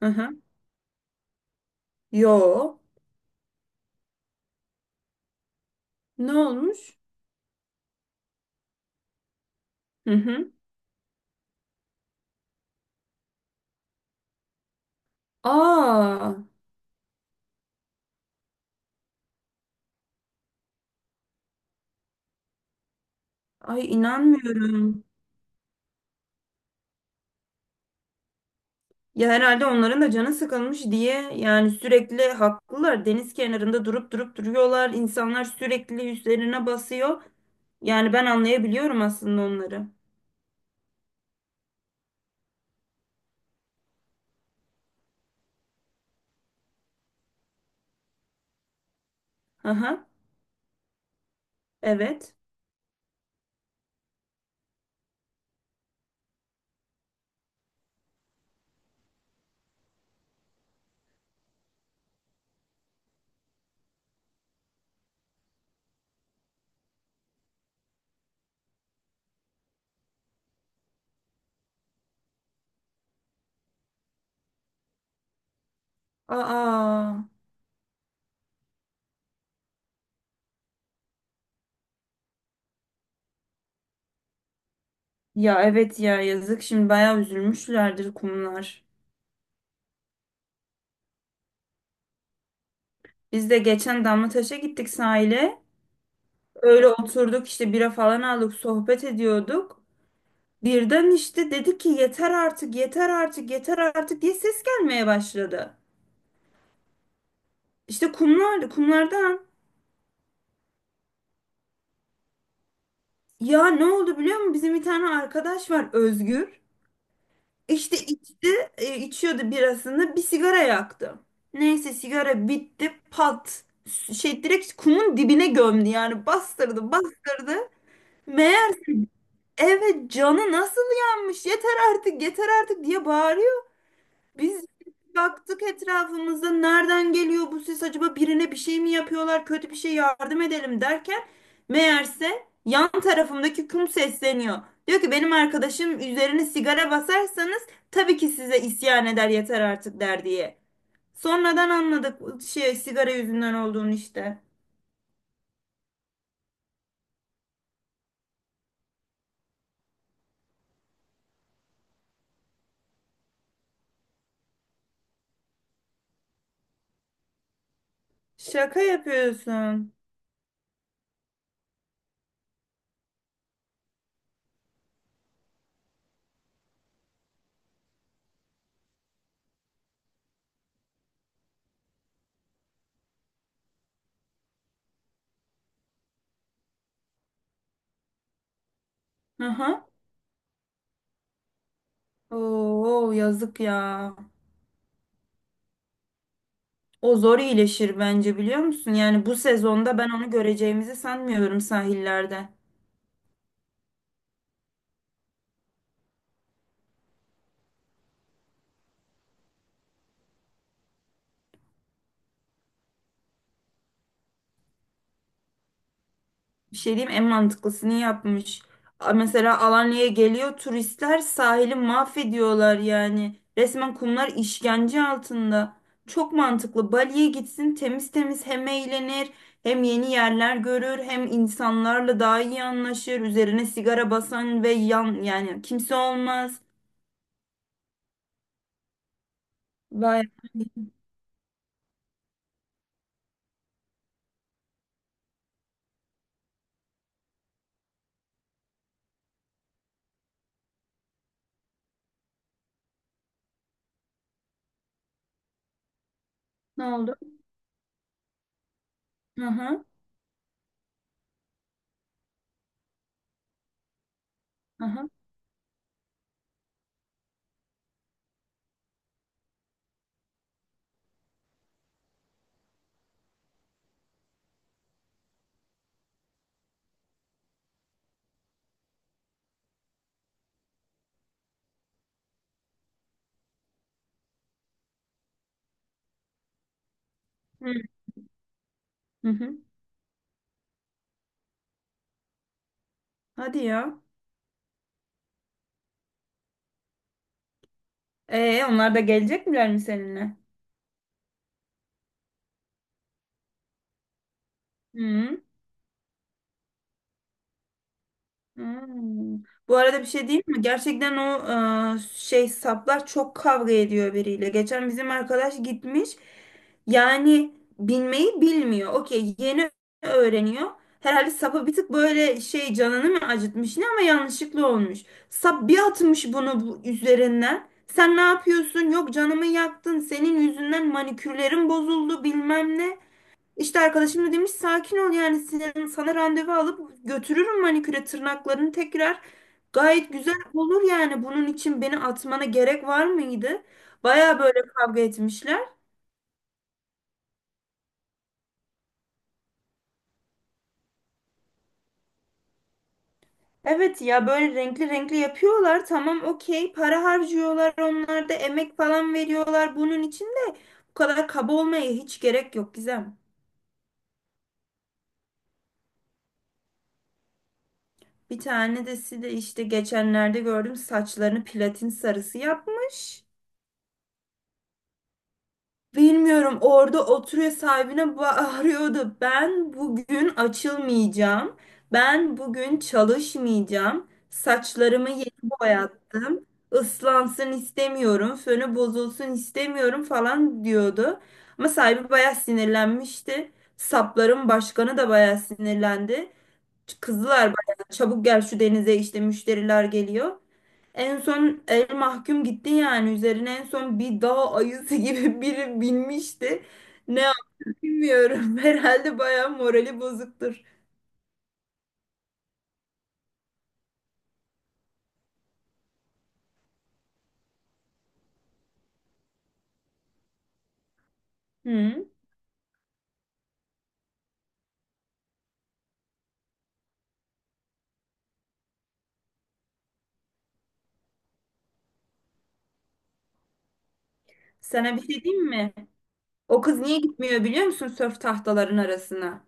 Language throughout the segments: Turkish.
Aha. Yo. Ne olmuş? Hı hı. Aa. Ay inanmıyorum. Ya herhalde onların da canı sıkılmış diye yani sürekli haklılar. Deniz kenarında durup duruyorlar. İnsanlar sürekli üstlerine basıyor. Yani ben anlayabiliyorum aslında onları. Aha. Evet. Aa. Ya evet ya yazık şimdi bayağı üzülmüşlerdir kumlar. Biz de geçen Damlataş'a gittik sahile. Öyle oturduk işte bira falan aldık sohbet ediyorduk. Birden işte dedi ki yeter artık, yeter artık, yeter artık diye ses gelmeye başladı. İşte kumlar, kumlardan, ya ne oldu biliyor musun? Bizim bir tane arkadaş var, Özgür. İşte içti, içiyordu birasını, bir sigara yaktı. Neyse sigara bitti pat. Şey direkt kumun dibine gömdü yani bastırdı bastırdı. Meğer evet canı nasıl yanmış, yeter artık yeter artık diye bağırıyor. Biz baktık etrafımızda nereden geliyor bu ses, acaba birine bir şey mi yapıyorlar, kötü bir şey, yardım edelim derken meğerse yan tarafımdaki kum sesleniyor. Diyor ki benim arkadaşım üzerine sigara basarsanız tabii ki size isyan eder, yeter artık der diye. Sonradan anladık şey sigara yüzünden olduğunu işte. Şaka yapıyorsun. Aha. Oo yazık ya. O zor iyileşir bence, biliyor musun? Yani bu sezonda ben onu göreceğimizi sanmıyorum sahillerde. Bir şey diyeyim, en mantıklısını yapmış. Mesela Alanya'ya geliyor turistler, sahili mahvediyorlar yani. Resmen kumlar işkence altında. Çok mantıklı. Bali'ye gitsin temiz temiz, hem eğlenir hem yeni yerler görür hem insanlarla daha iyi anlaşır. Üzerine sigara basan ve yan yani kimse olmaz. Vay, ne oldu? Hı hı. Hı hı. Hı hı. Hadi ya. Onlar da gelecek miler mi seninle? Hı. Hmm. Bu arada bir şey değil mi? Gerçekten o şey saplar çok kavga ediyor biriyle. Geçen bizim arkadaş gitmiş. Yani binmeyi bilmiyor. Okey, yeni öğreniyor. Herhalde sapı bir tık böyle şey canını mı acıtmış ne, ama yanlışlıkla olmuş. Sap bir atmış bunu bu üzerinden. Sen ne yapıyorsun? Yok canımı yaktın. Senin yüzünden manikürlerim bozuldu bilmem ne. İşte arkadaşım da demiş sakin ol yani senin, sana randevu alıp götürürüm maniküre, tırnaklarını tekrar gayet güzel olur yani, bunun için beni atmana gerek var mıydı? Baya böyle kavga etmişler. Evet ya böyle renkli renkli yapıyorlar, tamam okey para harcıyorlar, onlar da emek falan veriyorlar, bunun için de bu kadar kaba olmaya hiç gerek yok Gizem. Bir tanesi de işte geçenlerde gördüm saçlarını platin sarısı yapmış. Bilmiyorum orada oturuyor sahibine bağırıyordu. Ben bugün açılmayacağım. Ben bugün çalışmayacağım. Saçlarımı yeni boyattım. Islansın istemiyorum. Fönü bozulsun istemiyorum falan diyordu. Ama sahibi bayağı sinirlenmişti. Sapların başkanı da bayağı sinirlendi. Kızlar bayağı çabuk gel şu denize, işte müşteriler geliyor. En son el mahkum gitti yani, üzerine en son bir dağ ayısı gibi biri binmişti. Ne yap- bilmiyorum. Herhalde bayağı morali bozuktur. Hı. Sana bir şey diyeyim mi? O kız niye gitmiyor biliyor musun sörf tahtaların arasına?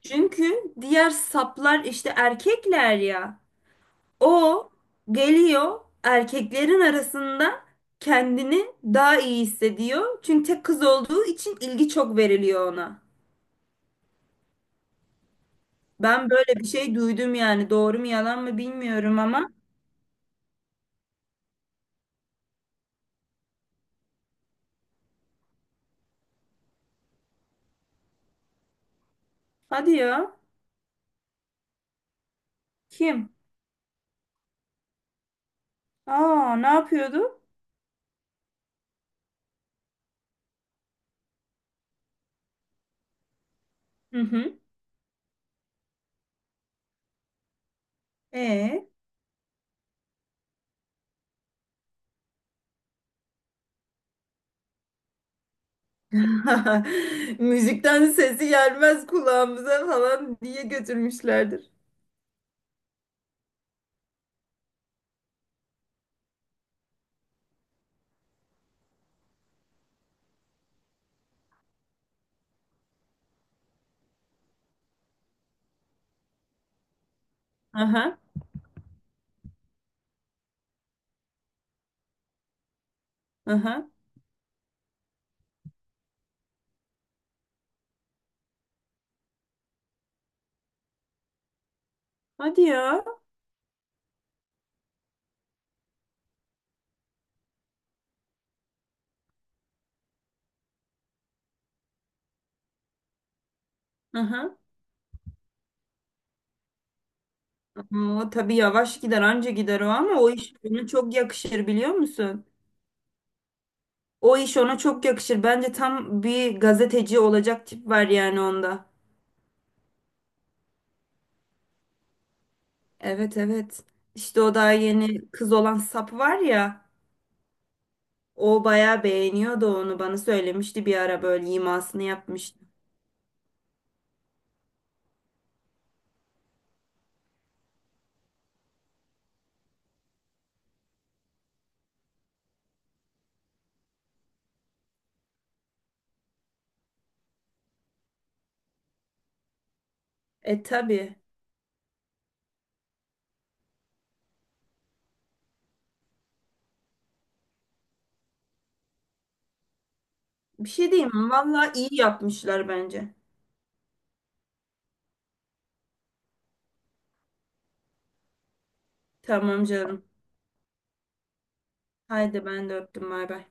Çünkü diğer saplar işte erkekler ya. O geliyor erkeklerin arasında kendini daha iyi hissediyor. Çünkü tek kız olduğu için ilgi çok veriliyor ona. Ben böyle bir şey duydum yani. Doğru mu yalan mı bilmiyorum ama. Hadi ya. Kim? Aa, ne yapıyordu? Hı hı. E. Müzikten sesi gelmez kulağımıza falan diye götürmüşlerdir. Aha, aha. Hadi ya. Aha. O tabii yavaş gider, anca gider o, ama o iş ona çok yakışır biliyor musun? O iş ona çok yakışır. Bence tam bir gazeteci olacak tip var yani onda. Evet evet. İşte o daha yeni kız olan sap var ya. O bayağı beğeniyordu onu, bana söylemişti bir ara böyle imasını yapmıştı. E tabii. Bir şey diyeyim mi? Vallahi iyi yapmışlar bence. Tamam canım. Haydi ben de öptüm. Bay bay.